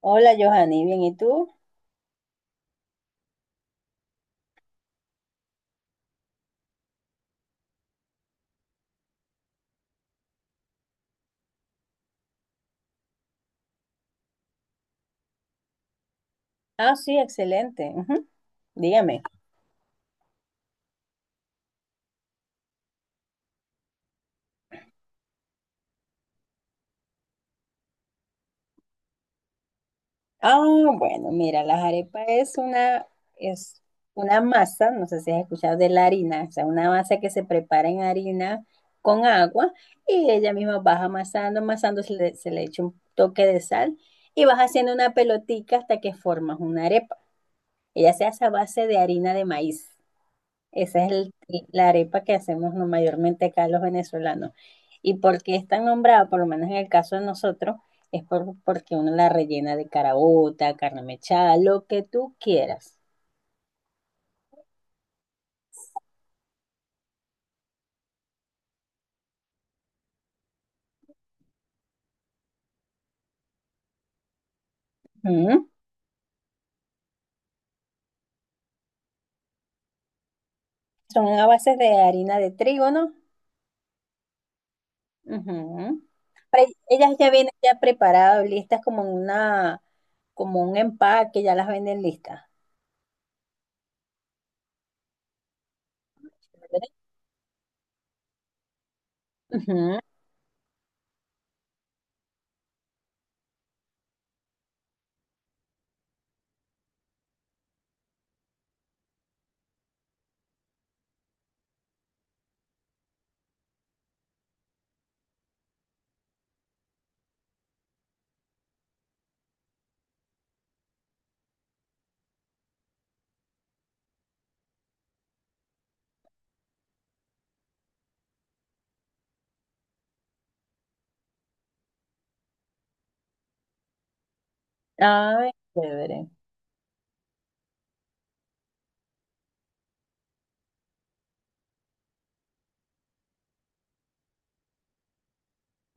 Hola, Johanny, bien, ¿y tú? Ah, sí, excelente. Ujú. Dígame. Ah, bueno, mira, las arepas es una masa. No sé si has escuchado de la harina, o sea, una masa que se prepara en harina con agua, y ella misma vas amasando, amasando. Se le echa un toque de sal y vas haciendo una pelotica hasta que formas una arepa. Ella se hace a base de harina de maíz. Esa es el- la arepa que hacemos mayormente acá los venezolanos. ¿Y por qué es tan nombrada? Por lo menos en el caso de nosotros, porque uno la rellena de carabota, carne mechada, lo que tú quieras. Ujú. Son a base de harina de trigo, ¿no? Ujú. Ellas ya vienen ya preparadas, listas como en una, como un empaque. Ya las venden listas. Chévere. Ujú. Ay, chévere.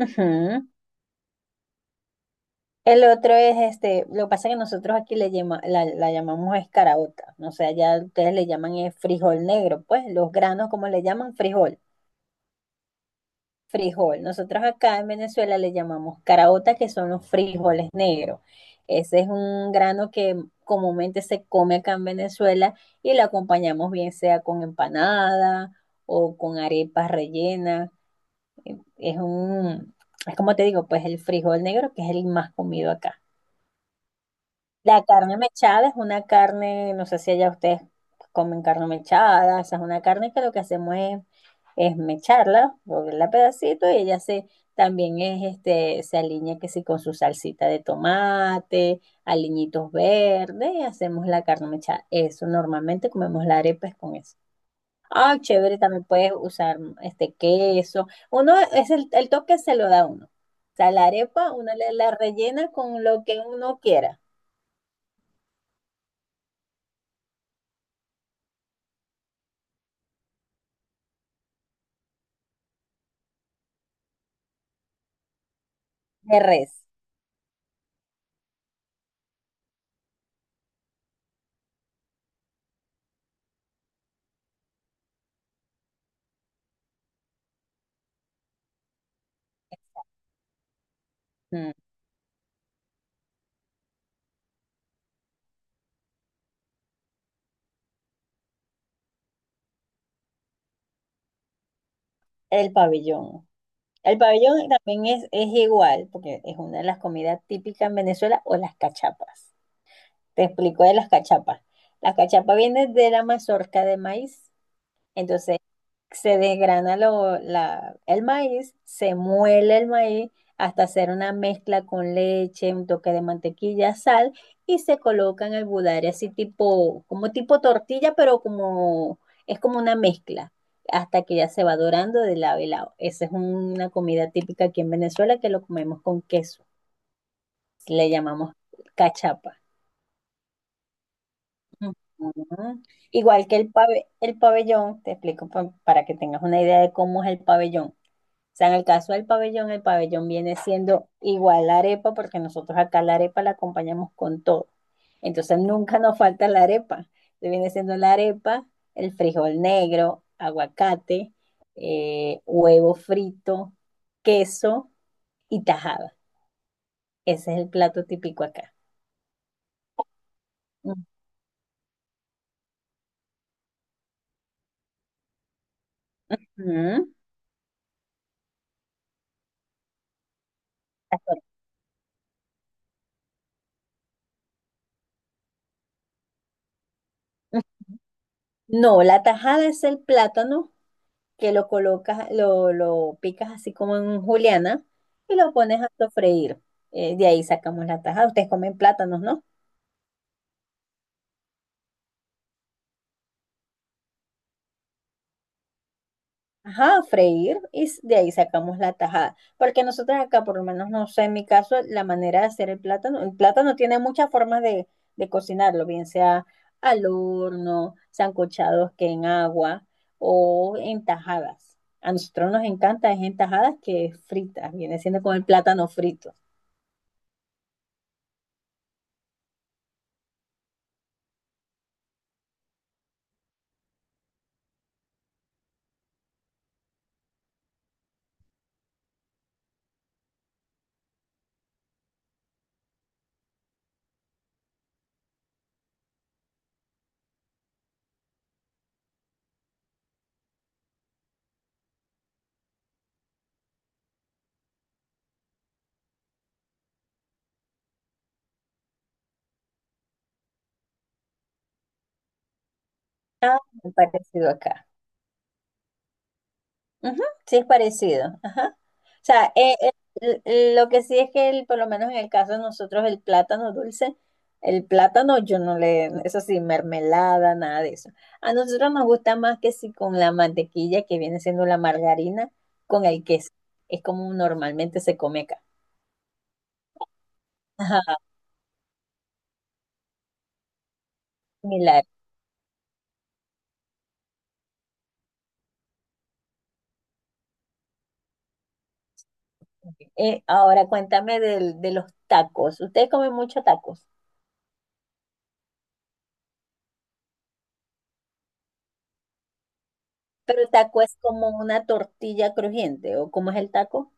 Ujú. El otro es este. Lo que pasa es que nosotros aquí la, la llamamos escarabota, ¿no? O sea, ya ustedes le llaman frijol negro, pues los granos como le llaman frijol, frijol. Nosotros acá en Venezuela le llamamos caraota, que son los frijoles negros. Ese es un grano que comúnmente se come acá en Venezuela, y lo acompañamos bien sea con empanada o con arepas rellenas. Es un, es como te digo, pues, el frijol negro, que es el más comido acá. La carne mechada es una carne. No sé si allá ustedes comen carne mechada. Esa es una carne que lo que hacemos es mecharla, volverla a pedacitos, y ella se también se alinea que sí con su salsita de tomate, aliñitos verdes, y hacemos la carne mechada. Eso normalmente comemos la arepa es con eso. Ah, chévere, también puedes usar queso. Uno es el toque se lo da a uno. O sea, la arepa uno la rellena con lo que uno quiera de res. El pabellón. El pabellón también es igual, porque es una de las comidas típicas en Venezuela, o las cachapas. Te explico de las cachapas. Las cachapas vienen de la mazorca de maíz. Entonces se desgrana el maíz, se muele el maíz hasta hacer una mezcla con leche, un toque de mantequilla, sal, y se coloca en el budare así tipo, como tipo tortilla, pero como es como una mezcla, hasta que ya se va dorando de lado y lado. Esa es una comida típica aquí en Venezuela que lo comemos con queso. Le llamamos cachapa. Ujú. Igual que el pabellón, te explico para que tengas una idea de cómo es el pabellón. O sea, en el caso del pabellón, el pabellón viene siendo igual la arepa, porque nosotros acá la arepa la acompañamos con todo. Entonces nunca nos falta la arepa. Entonces, viene siendo la arepa, el frijol negro, aguacate, huevo frito, queso y tajada. Ese es el plato típico acá. Ujú. No, la tajada es el plátano, que lo colocas, lo picas así como en juliana y lo pones a sofreír. De ahí sacamos la tajada. Ustedes comen plátanos, ¿no? Ajá, freír y de ahí sacamos la tajada. Porque nosotros acá, por lo menos, no sé, en mi caso, la manera de hacer el plátano tiene muchas formas de cocinarlo, bien sea al horno, sancochados que en agua, o en tajadas. A nosotros nos encanta es en tajadas que fritas, viene siendo como el plátano frito, muy parecido acá. Ujú, sí, es parecido. O sea, lo que sí es que por lo menos en el caso de nosotros, el plátano dulce, el plátano yo no le, eso sí, mermelada, nada de eso. A nosotros nos gusta más que si con la mantequilla, que viene siendo la margarina, con el queso. Es como normalmente se come acá. Ajá, similar. Ahora cuéntame de los tacos. Ustedes comen mucho tacos, pero el taco es como una tortilla crujiente, ¿o cómo es el taco?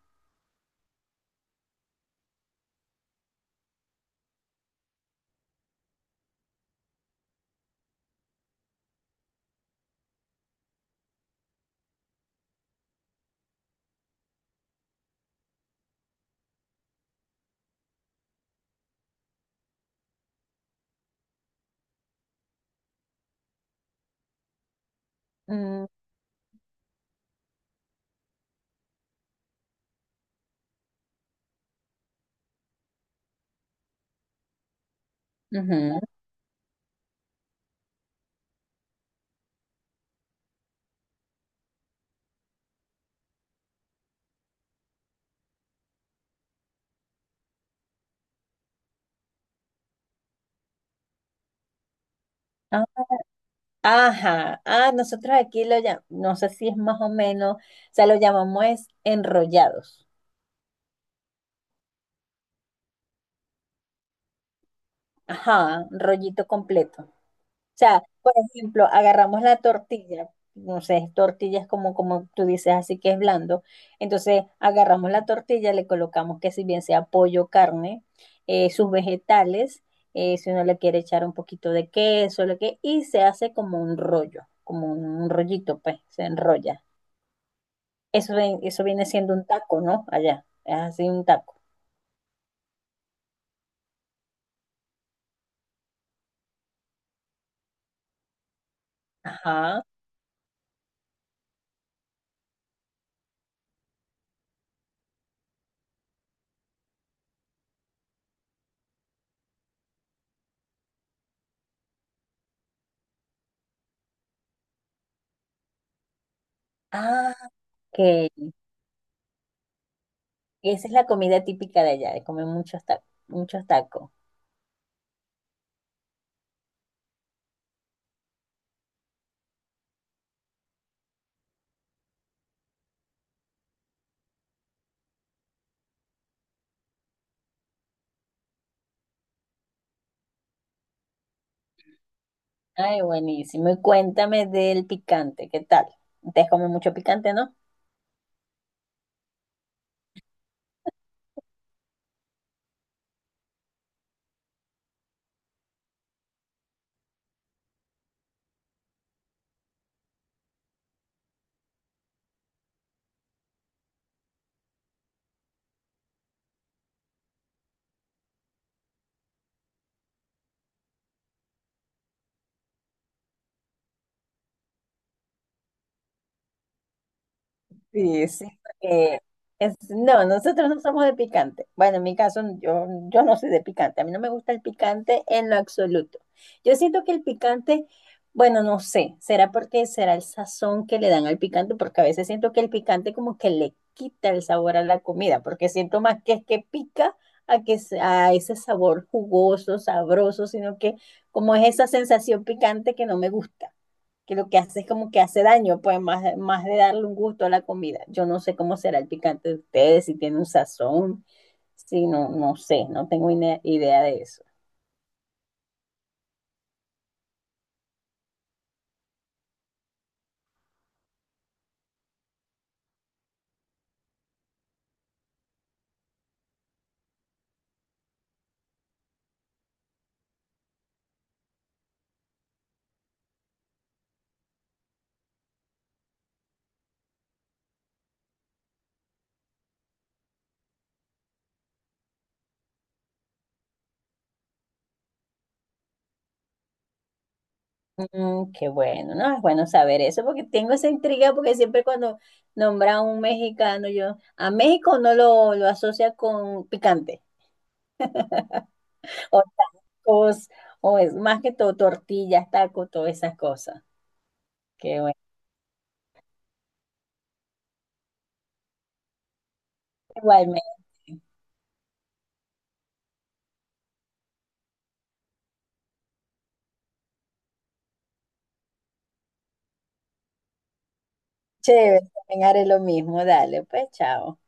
Mm, ujú. Ajá, ah, nosotros aquí lo llamamos, no sé si es más o menos, o sea, lo llamamos es enrollados. Ajá, rollito completo. O sea, por ejemplo, agarramos la tortilla, no sé, tortillas como, como tú dices, así que es blando. Entonces, agarramos la tortilla, le colocamos que si bien sea pollo, carne, sus vegetales, si uno le quiere echar un poquito de queso, lo que, y se hace como un rollo, como un rollito, pues, se enrolla. Eso, eso viene siendo un taco, ¿no? Allá, es así un taco. Ajá. Ah, ok. Esa es la comida típica de allá, de comer muchos tacos, muchos tacos. Ay, buenísimo. Y cuéntame del picante, ¿qué tal? Ustedes comen mucho picante, ¿no? Sí, sí, porque es, no, nosotros no somos de picante. Bueno, en mi caso, yo no soy de picante. A mí no me gusta el picante en lo absoluto. Yo siento que el picante, bueno, no sé, será porque será el sazón que le dan al picante, porque a veces siento que el picante como que le quita el sabor a la comida, porque siento más que es que pica a que a ese sabor jugoso, sabroso, sino que como es esa sensación picante que no me gusta, que lo que hace es como que hace daño, pues, más, más de darle un gusto a la comida. Yo no sé cómo será el picante de ustedes, si tiene un sazón, si no, no sé, no tengo idea de eso. Mm, qué bueno, ¿no? Es bueno saber eso porque tengo esa intriga, porque siempre cuando nombra a un mexicano, yo a México no lo asocia con picante o tacos, o es más que todo tortillas, tacos, todas esas cosas. Qué bueno. Igualmente, chévere, también haré lo mismo, dale, pues, chao.